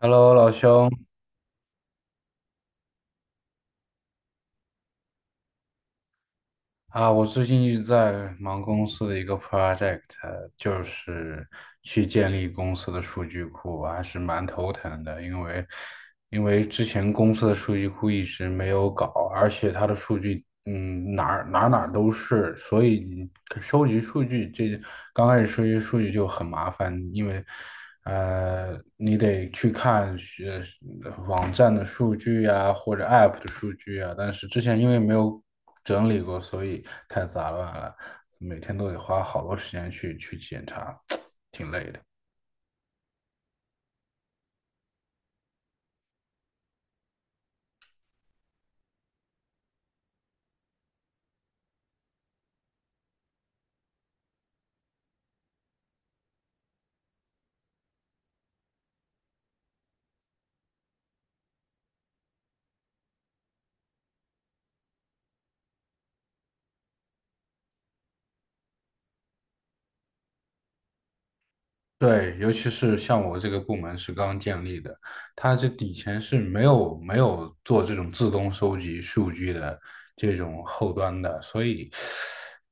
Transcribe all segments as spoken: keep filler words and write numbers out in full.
Hello，老兄，啊，我最近一直在忙公司的一个 project，呃就是去建立公司的数据库，我还是蛮头疼的，因为因为之前公司的数据库一直没有搞，而且它的数据，嗯，哪儿哪儿哪儿都是，所以你收集数据这刚开始收集数据就很麻烦，因为呃，你得去看呃网站的数据呀，或者 App 的数据啊，但是之前因为没有。整理过，所以太杂乱了，每天都得花好多时间去去检查，挺累的。对，尤其是像我这个部门是刚建立的，它这以前是没有没有做这种自动收集数据的这种后端的，所以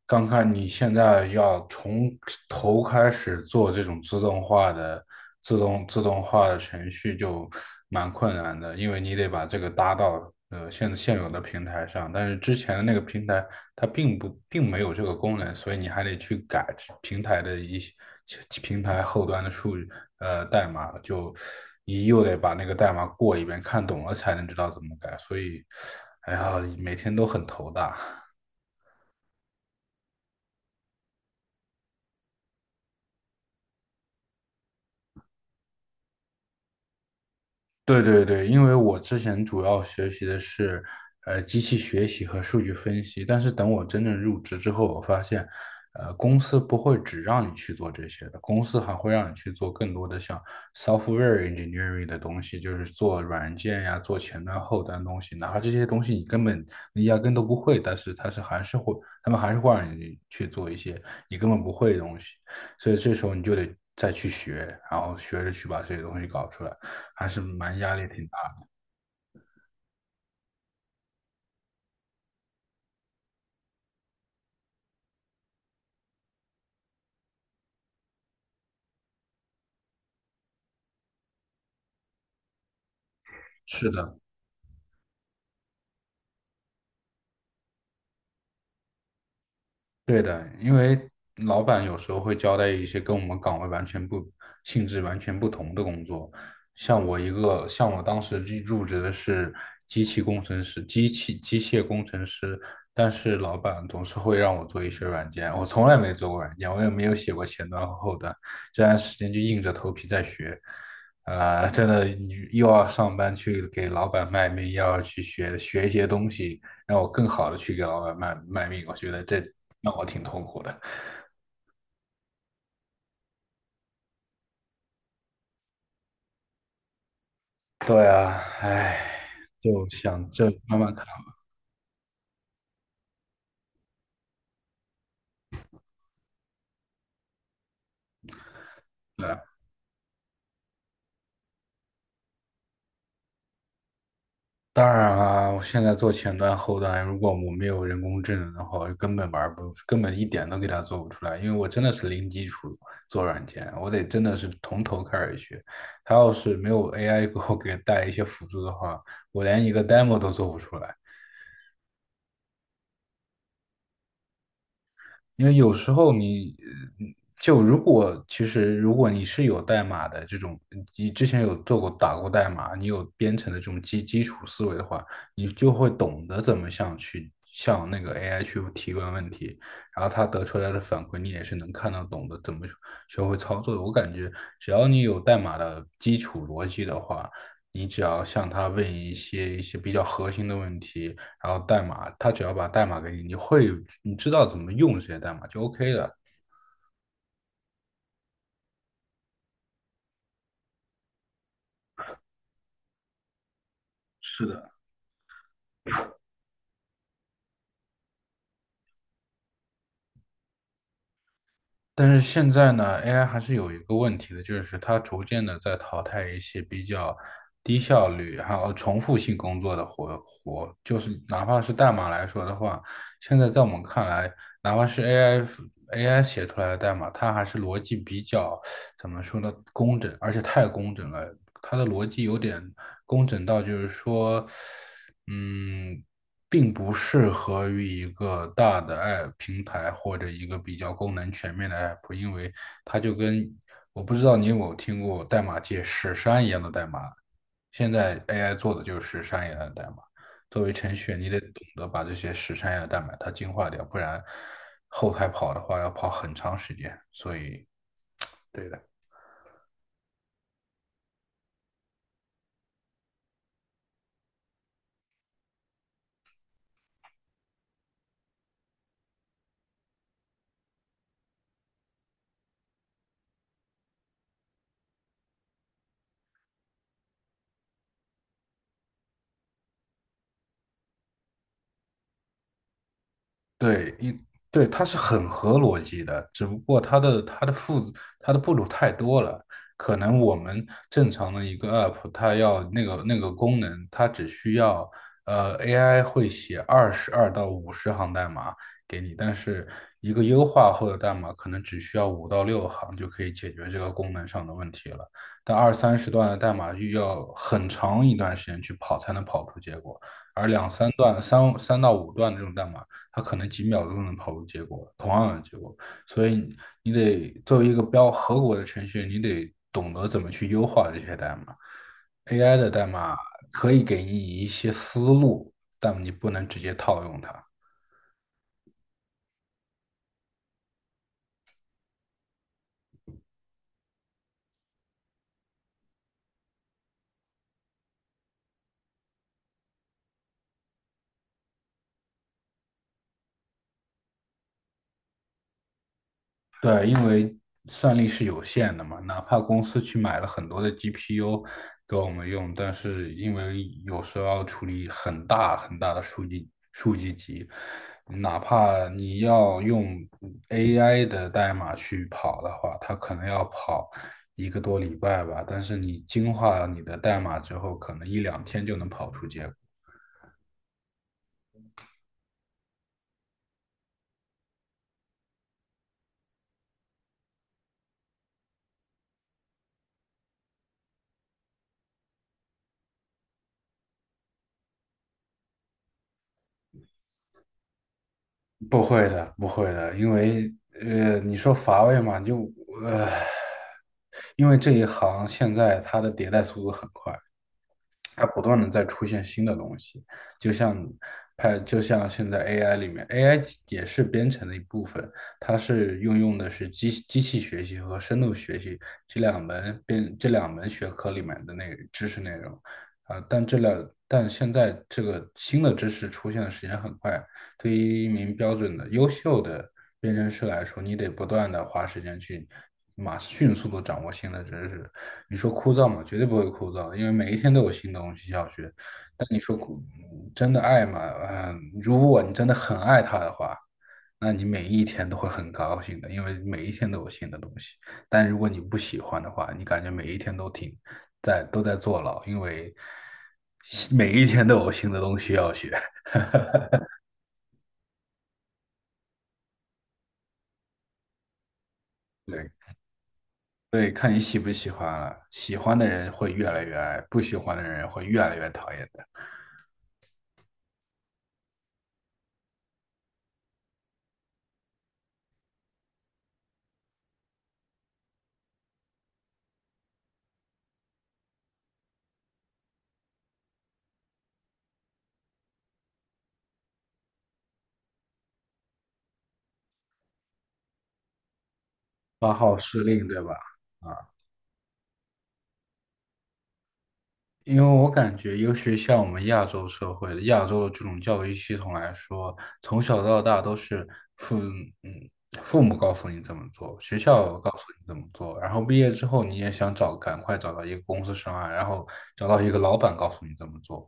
刚看你现在要从头开始做这种自动化的自动自动化的程序就蛮困难的，因为你得把这个搭到呃现现有的平台上，但是之前的那个平台它并不并没有这个功能，所以你还得去改平台的一些。平台后端的数据呃代码，就你又得把那个代码过一遍，看懂了才能知道怎么改。所以，哎呀，每天都很头大。对对对，因为我之前主要学习的是呃机器学习和数据分析，但是等我真正入职之后，我发现，呃，公司不会只让你去做这些的，公司还会让你去做更多的像 software engineering 的东西，就是做软件呀、做前端、后端东西，哪怕这些东西你根本你压根都不会，但是它是还是会，他们还是会让你去做一些你根本不会的东西，所以这时候你就得再去学，然后学着去把这些东西搞出来。还是蛮压力挺大的。是的，对的，因为老板有时候会交代一些跟我们岗位完全不性质完全不同的工作。像我一个，像我当时入职的是机器工程师，机器机械工程师，但是老板总是会让我做一些软件，我从来没做过软件，我也没有写过前端和后端，这段时间就硬着头皮在学。呃，真的，你又要上班去给老板卖命，又要去学学一些东西，让我更好的去给老板卖卖命，我觉得这让我挺痛苦的。对啊，唉，就想这慢慢看吧。对啊，当然啊，我现在做前端后端，如果我没有人工智能的话，我根本玩不，根本一点都给它做不出来，因为我真的是零基础做软件，我得真的是从头开始学。它要是没有 A I 给我给带一些辅助的话，我连一个 demo 都做不出来。因为有时候你，呃就如果其实如果你是有代码的这种，你之前有做过打过代码，你有编程的这种基基础思维的话，你就会懂得怎么向去向那个 A I 去提问问题，然后他得出来的反馈你也是能看得懂的，怎么学会操作的。我感觉只要你有代码的基础逻辑的话，你只要向他问一些一些比较核心的问题，然后代码他只要把代码给你，你会你知道怎么用这些代码就 OK 了。是的，但是现在呢，A I 还是有一个问题的，就是它逐渐的在淘汰一些比较低效率还有重复性工作的活活，就是哪怕是代码来说的话，现在在我们看来，哪怕是 A I A I 写出来的代码，它还是逻辑比较怎么说呢，工整，而且太工整了。它的逻辑有点工整到，就是说，嗯，并不适合于一个大的 app 平台或者一个比较功能全面的 app，因为它就跟我不知道你有没有听过代码界屎山一样的代码，现在 A I 做的就是屎山一样的代码。作为程序员，你得懂得把这些屎山一样的代码它进化掉，不然后台跑的话要跑很长时间。所以对，一对，它是很合逻辑的，只不过它的它的步它的步骤太多了。可能我们正常的一个 app，它要那个那个功能，它只需要呃 A I 会写二十二到五十行代码给你，但是一个优化后的代码可能只需要五到六行就可以解决这个功能上的问题了。但二三十段的代码又要很长一段时间去跑才能跑出结果。而两三段、三三到五段这种代码，它可能几秒钟能跑出结果，同样的结果。所以你得作为一个标合格的程序员，你得懂得怎么去优化这些代码。A I 的代码可以给你一些思路，但你不能直接套用它。对，因为算力是有限的嘛，哪怕公司去买了很多的 G P U 给我们用，但是因为有时候要处理很大很大的数据数据集，哪怕你要用 A I 的代码去跑的话，它可能要跑一个多礼拜吧，但是你精化了你的代码之后，可能一两天就能跑出结果。不会的，不会的，因为呃，你说乏味嘛，就呃，因为这一行现在它的迭代速度很快，它不断的在出现新的东西，就像它就像现在 A I 里面，A I 也是编程的一部分，它是运用的是机机器学习和深度学习这两门编这两门学科里面的那个知识内容啊，但这两但现在这个新的知识出现的时间很快，对于一名标准的优秀的对人士来说，你得不断的花时间去马迅速的掌握新的知识。你说枯燥吗？绝对不会枯燥，因为每一天都有新东西要学。但你说枯真的爱吗？嗯，如果你真的很爱它的话，那你每一天都会很高兴的，因为每一天都有新的东西。但如果你不喜欢的话，你感觉每一天都挺在都在坐牢，因为每一天都有新的东西要学。对。对，看你喜不喜欢了。喜欢的人会越来越爱，不喜欢的人会越来越讨厌的。八号司令，对吧？啊。因为我感觉，尤其像我们亚洲社会的亚洲的这种教育系统来说，从小到大都是父嗯父母告诉你怎么做，学校告诉你怎么做，然后毕业之后你也想找赶快找到一个公司上岸，然后找到一个老板告诉你怎么做，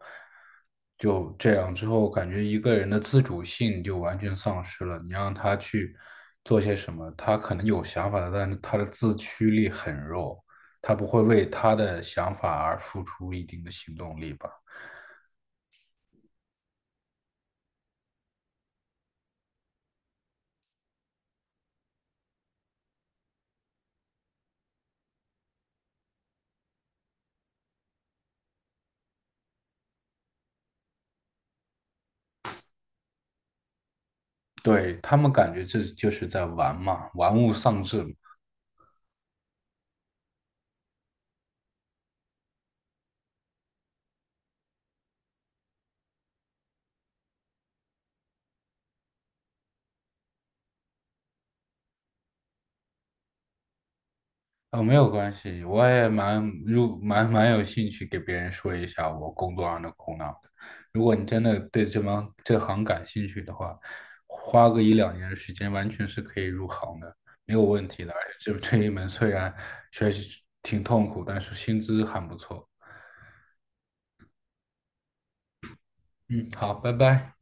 就这样之后，感觉一个人的自主性就完全丧失了。你让他去做些什么，他可能有想法的，但是他的自驱力很弱。他不会为他的想法而付出一定的行动力吧？对他们感觉这就是在玩嘛，玩物丧志嘛。哦，没有关系，我也蛮入蛮蛮有兴趣给别人说一下我工作上的苦恼的如果你真的对这门这行感兴趣的话，花个一两年的时间完全是可以入行的，没有问题的。而且这这一门虽然学习挺痛苦，但是薪资还不错。嗯，好，拜拜。